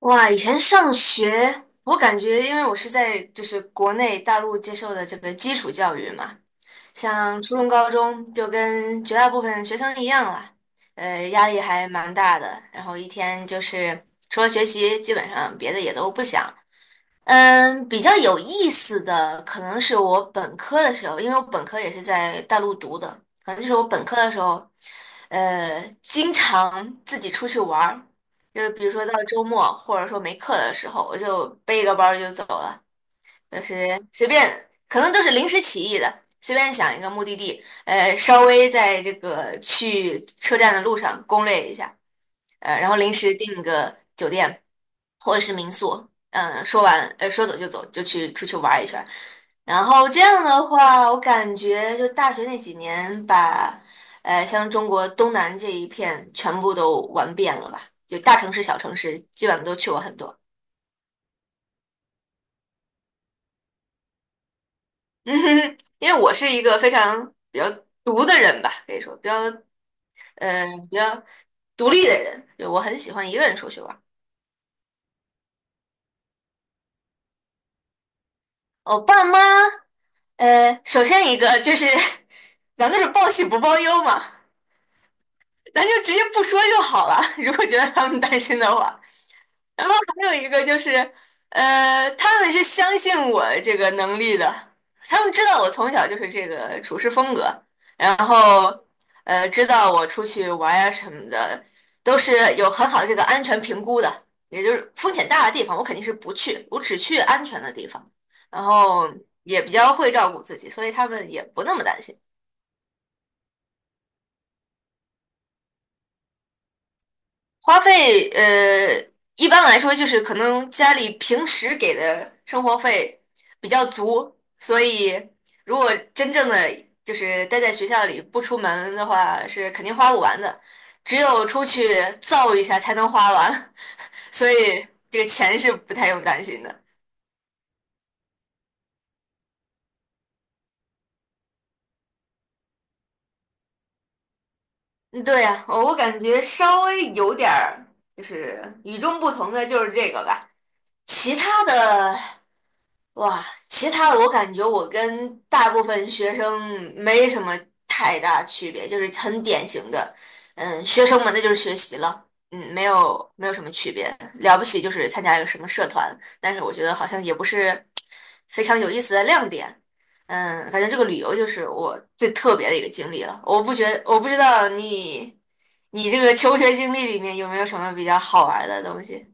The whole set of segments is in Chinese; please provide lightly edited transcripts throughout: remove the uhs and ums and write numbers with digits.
哇，以前上学，我感觉因为我是在就是国内大陆接受的这个基础教育嘛，像初中、高中就跟绝大部分学生一样了，压力还蛮大的。然后一天就是除了学习，基本上别的也都不想，比较有意思的可能是我本科的时候，因为我本科也是在大陆读的，可能就是我本科的时候，经常自己出去玩儿，就是比如说到周末或者说没课的时候，我就背一个包儿就走了，就是随便，可能都是临时起意的，随便想一个目的地，稍微在这个去车站的路上攻略一下，然后临时订个酒店或者是民宿，说完说走就走，就去出去玩一圈儿。然后这样的话，我感觉就大学那几年把，像中国东南这一片全部都玩遍了吧，就大城市、小城市基本上都去过很多。嗯哼，因为我是一个非常比较独的人吧，可以说比较独立的人，就我很喜欢一个人出去玩。我爸妈。首先一个就是，咱们都是报喜不报忧嘛，咱就直接不说就好了。如果觉得他们担心的话，然后还有一个就是，他们是相信我这个能力的，他们知道我从小就是这个处事风格，然后，知道我出去玩呀什么的，都是有很好的这个安全评估的，也就是风险大的地方我肯定是不去，我只去安全的地方，然后也比较会照顾自己，所以他们也不那么担心。花费，一般来说就是可能家里平时给的生活费比较足，所以如果真正的就是待在学校里不出门的话，是肯定花不完的，只有出去造一下才能花完，所以这个钱是不太用担心的。嗯对呀，我感觉稍微有点儿就是与众不同的就是这个吧，其他的其他的我感觉我跟大部分学生没什么太大区别，就是很典型的，学生们那就是学习了，没有什么区别，了不起就是参加一个什么社团，但是我觉得好像也不是非常有意思的亮点，感觉这个旅游就是我最特别的一个经历了，我不知道你这个求学经历里面有没有什么比较好玩的东西。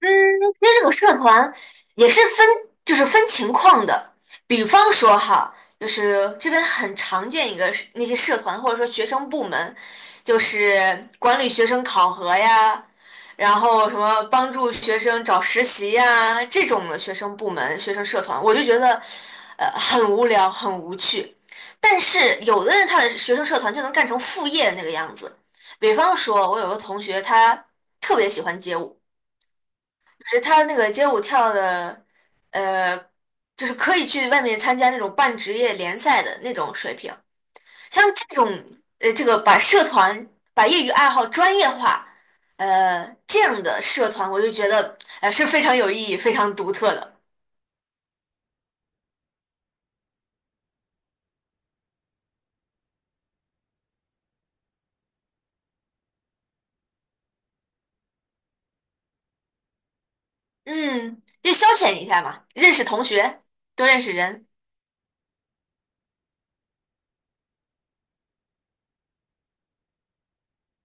嗯，其实这个社团也是分，就是分情况的。比方说哈，就是这边很常见一个是那些社团或者说学生部门，就是管理学生考核呀，然后什么帮助学生找实习呀这种的学生部门、学生社团，我就觉得很无聊、很无趣。但是有的人他的学生社团就能干成副业那个样子。比方说，我有个同学他特别喜欢街舞。是他那个街舞跳的，呃，就是可以去外面参加那种半职业联赛的那种水平。像这种，这个把社团、把业余爱好专业化，这样的社团，我就觉得，是非常有意义、非常独特的。嗯，就消遣一下嘛，认识同学，多认识人。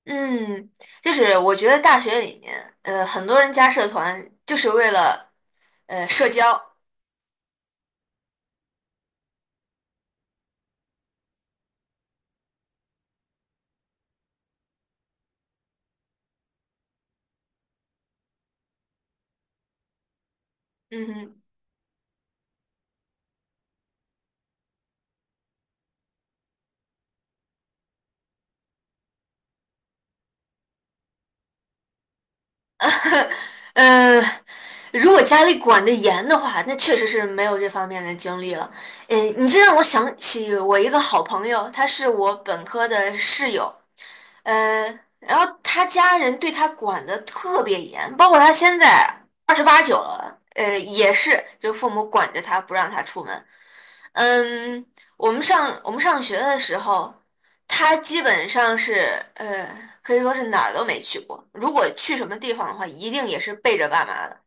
嗯，就是我觉得大学里面，很多人加社团就是为了社交。嗯哼。嗯，如果家里管得严的话，那确实是没有这方面的经历了。你这让我想起我一个好朋友，他是我本科的室友，然后他家人对他管得特别严，包括他现在28、9了，也是就父母管着他不让他出门，嗯，我们上学的时候，他基本上是可以说是哪儿都没去过。如果去什么地方的话，一定也是背着爸妈的。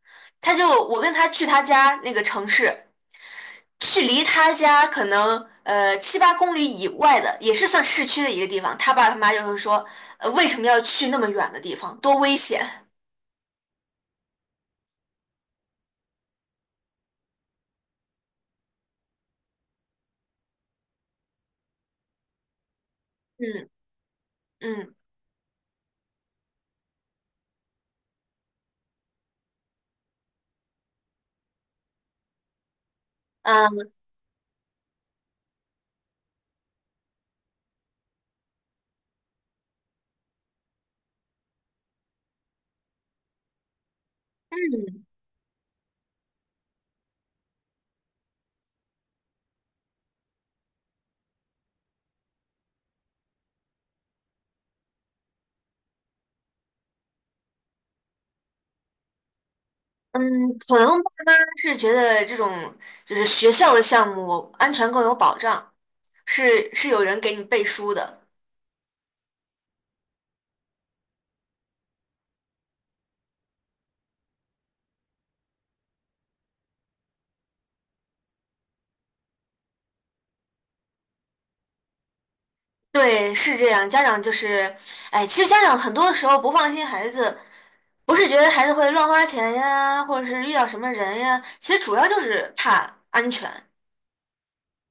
他就我跟他去他家那个城市，去离他家可能7、8公里以外的，也是算市区的一个地方。他爸他妈就会说，为什么要去那么远的地方？多危险！嗯嗯嗯嗯，可能爸妈是觉得这种就是学校的项目安全更有保障。是是有人给你背书的。对，是这样。家长就是，哎，其实家长很多时候不放心孩子，不是觉得孩子会乱花钱呀，或者是遇到什么人呀，其实主要就是怕安全，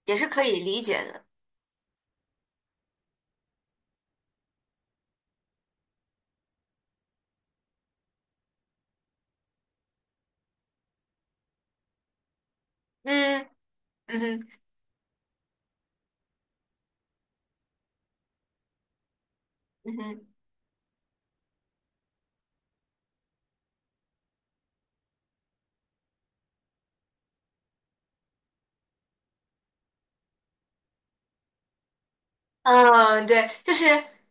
也是可以理解的。嗯嗯哼嗯哼嗯，对，就是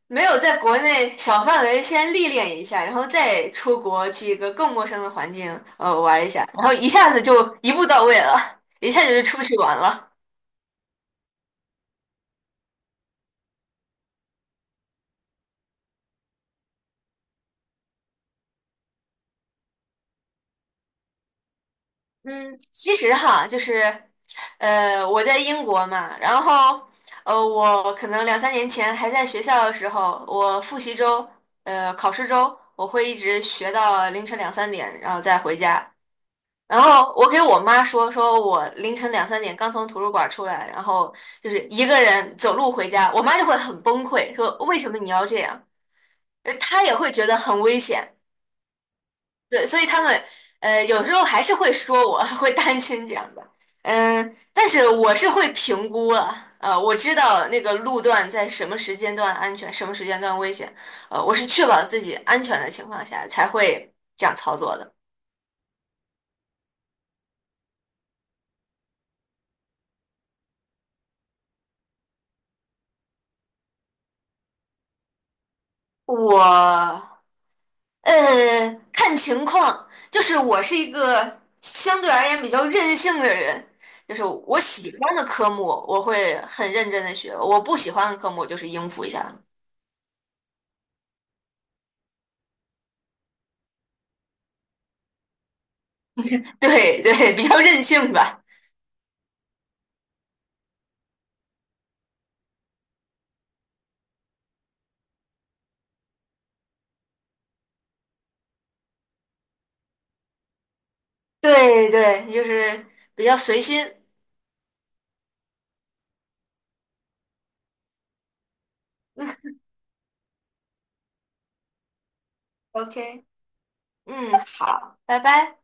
没有在国内小范围先历练一下，然后再出国去一个更陌生的环境，玩一下，然后一下子就一步到位了，一下子就出去玩了。嗯，其实哈，就是，我在英国嘛，然后，我可能2、3年前还在学校的时候，我复习周，考试周，我会一直学到凌晨两三点，然后再回家。然后我给我妈说我凌晨两三点刚从图书馆出来，然后就是一个人走路回家，我妈就会很崩溃，说为什么你要这样？她也会觉得很危险。对，所以他们有时候还是会说我，会担心这样的，嗯，但是我是会评估了，我知道那个路段在什么时间段安全，什么时间段危险，我是确保自己安全的情况下才会这样操作的。我呃看情况，就是我是一个相对而言比较任性的人，就是我喜欢的科目我会很认真的学，我不喜欢的科目我就是应付一下。对对，比较任性吧。对对，就是比较随心。OK，嗯，好，拜拜。